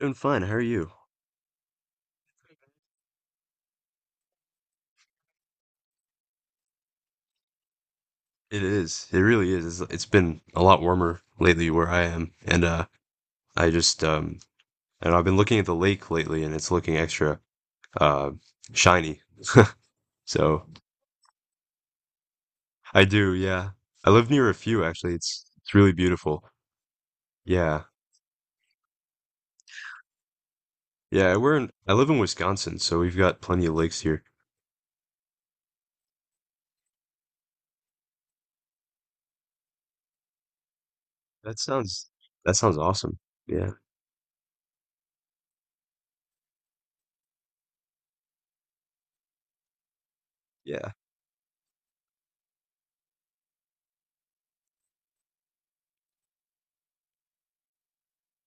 Doing fine. How are you? It is. It really is. It's been a lot warmer lately where I am, and I just and I've been looking at the lake lately, and it's looking extra uh shiny. So I do, yeah. I live near a few actually. It's really beautiful. Yeah, yeah. We're in. I live in Wisconsin, so we've got plenty of lakes here. That sounds that sounds awesome. Yeah, yeah.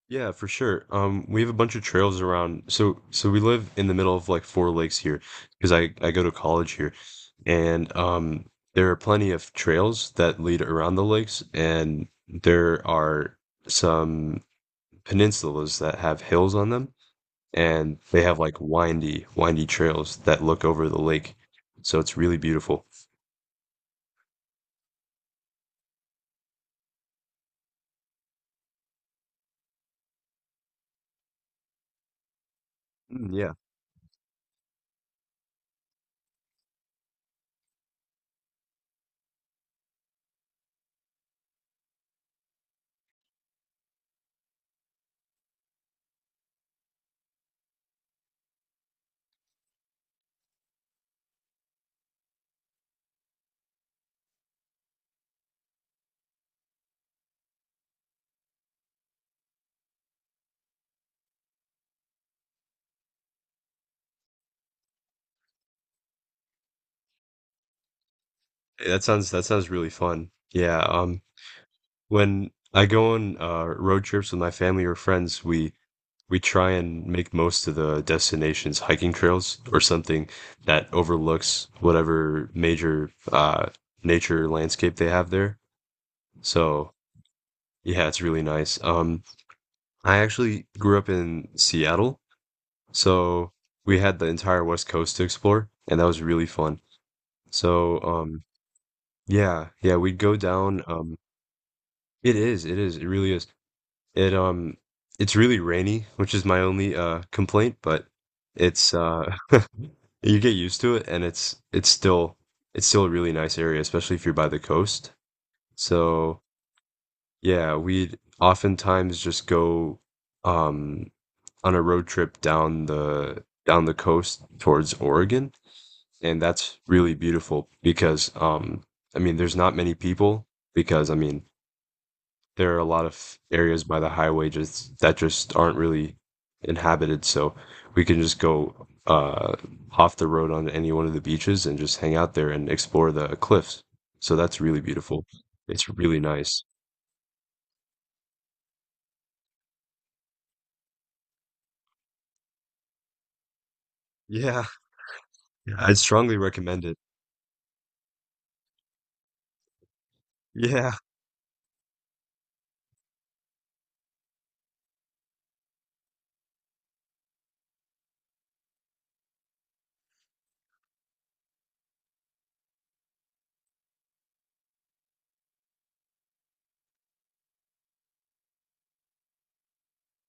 Yeah, for sure. We have a bunch of trails around. So we live in the middle of like four lakes here because I go to college here, and there are plenty of trails that lead around the lakes, and there are some peninsulas that have hills on them, and they have like windy, windy trails that look over the lake. So it's really beautiful. Mm, yeah. Hey, that sounds really fun. Yeah, when I go on road trips with my family or friends, we try and make most of the destinations hiking trails or something that overlooks whatever major nature landscape they have there. So yeah, it's really nice. I actually grew up in Seattle, so we had the entire West Coast to explore, and that was really fun. So yeah, yeah, we'd go down. It is, it is, it really is. It um, it's really rainy, which is my only complaint, but it's you get used to it, and it's still a really nice area, especially if you're by the coast. So yeah, we'd oftentimes just go um, on a road trip down the coast towards Oregon, and that's really beautiful because I mean, there's not many people because I mean, there are a lot of areas by the highway just that just aren't really inhabited, so we can just go off the road on any one of the beaches and just hang out there and explore the cliffs. So that's really beautiful. It's really nice. Yeah, yeah, I'd strongly recommend it. Yeah,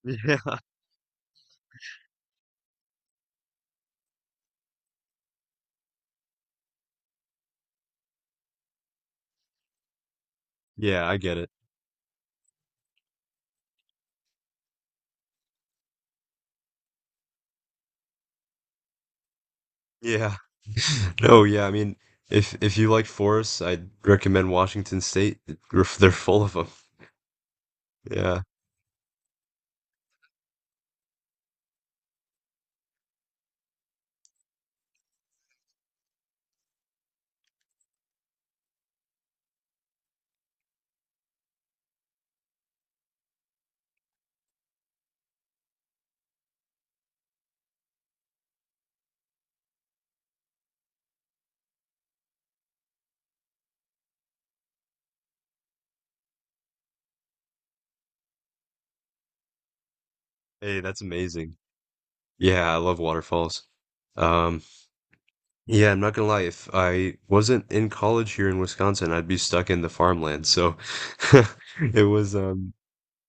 yeah, yeah, I get it. Yeah. No, yeah, I mean, if you like forests, I'd recommend Washington State. They're full of them. Yeah. Hey, that's amazing. Yeah, I love waterfalls. Um, yeah, I'm not gonna lie, if I wasn't in college here in Wisconsin, I'd be stuck in the farmland. So it was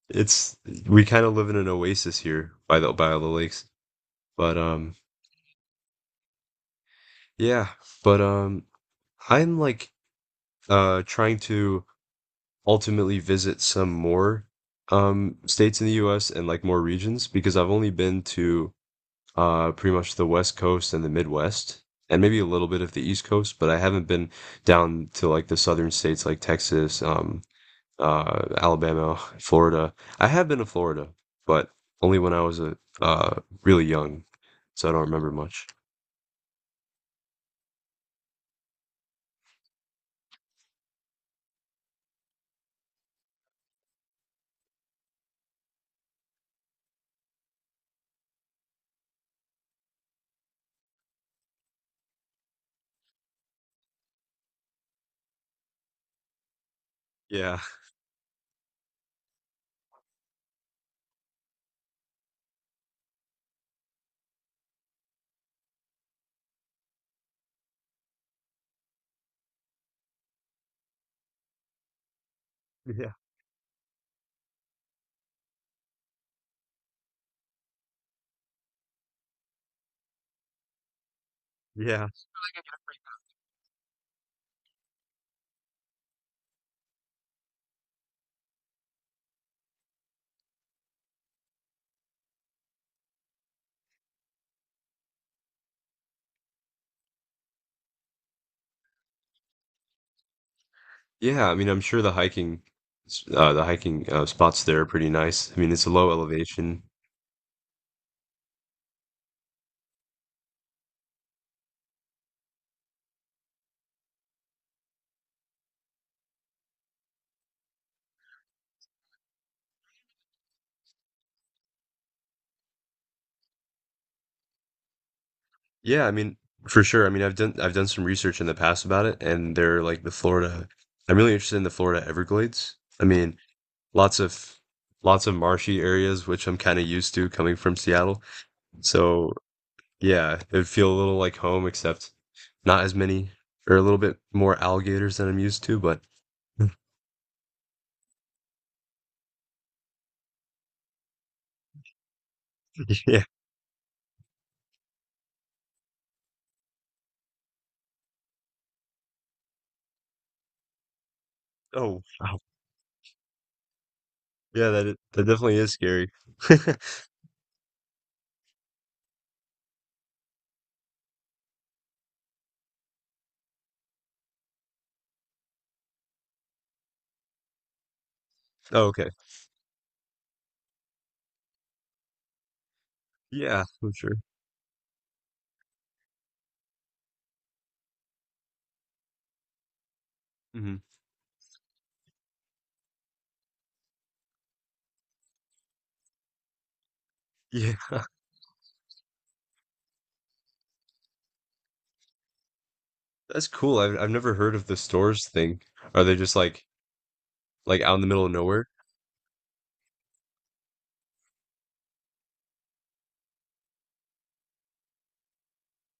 it's we kind of live in an oasis here by all the lakes. But Yeah, but I'm like trying to ultimately visit some more states in the US and like more regions because I've only been to pretty much the West Coast and the Midwest, and maybe a little bit of the East Coast, but I haven't been down to like the southern states like Texas, Alabama, Florida. I have been to Florida, but only when I was a really young, so I don't remember much. Yeah, yeah, yeah, yeah. I mean, I'm sure the hiking, the hiking spots there are pretty nice. I mean, it's a low elevation. Yeah, I mean, for sure. I mean, I've done some research in the past about it, and they're like the Florida. I'm really interested in the Florida Everglades. I mean, lots of lots of marshy areas, which I'm kind of used to coming from Seattle. So yeah, it'd feel a little like home, except not as many or a little bit more alligators than I'm used to. But yeah. Oh wow. Yeah, that definitely is scary. Oh, okay. Yeah, for sure. Hmm. That's cool. I've never heard of the stores thing. Are they just like out in the middle of nowhere?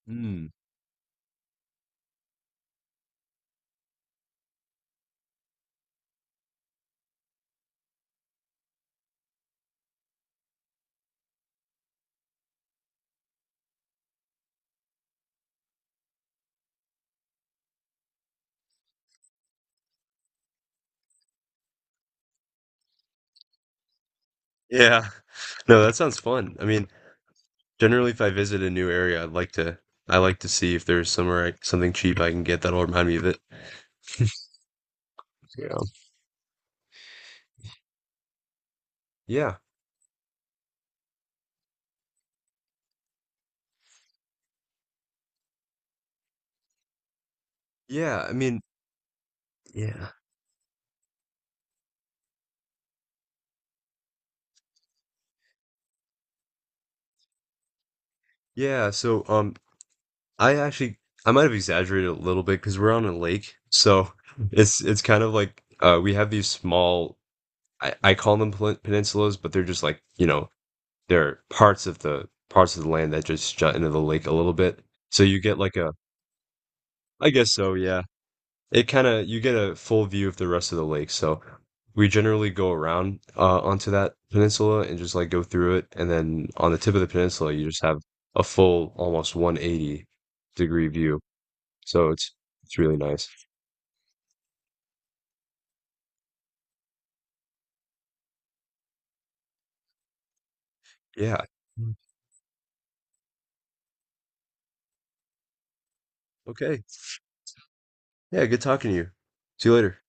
Hmm. Yeah. No, that sounds fun. I mean, generally if I visit a new area, I like to see if there's somewhere something cheap I can get that'll remind me of it. Yeah. Yeah. Yeah, I mean, yeah. Yeah, so I actually I might have exaggerated a little bit because we're on a lake. So it's kind of like we have these small I call them peninsulas, but they're just like, you know, there are parts of the land that just jut into the lake a little bit. So you get like a I guess so, yeah. It kinda you get a full view of the rest of the lake, so we generally go around, onto that peninsula and just, like, go through it, and then on the tip of the peninsula, you just have a full, almost 180-degree view. So it's really nice. Yeah. Mm, okay. Yeah, good talking to you. See you later.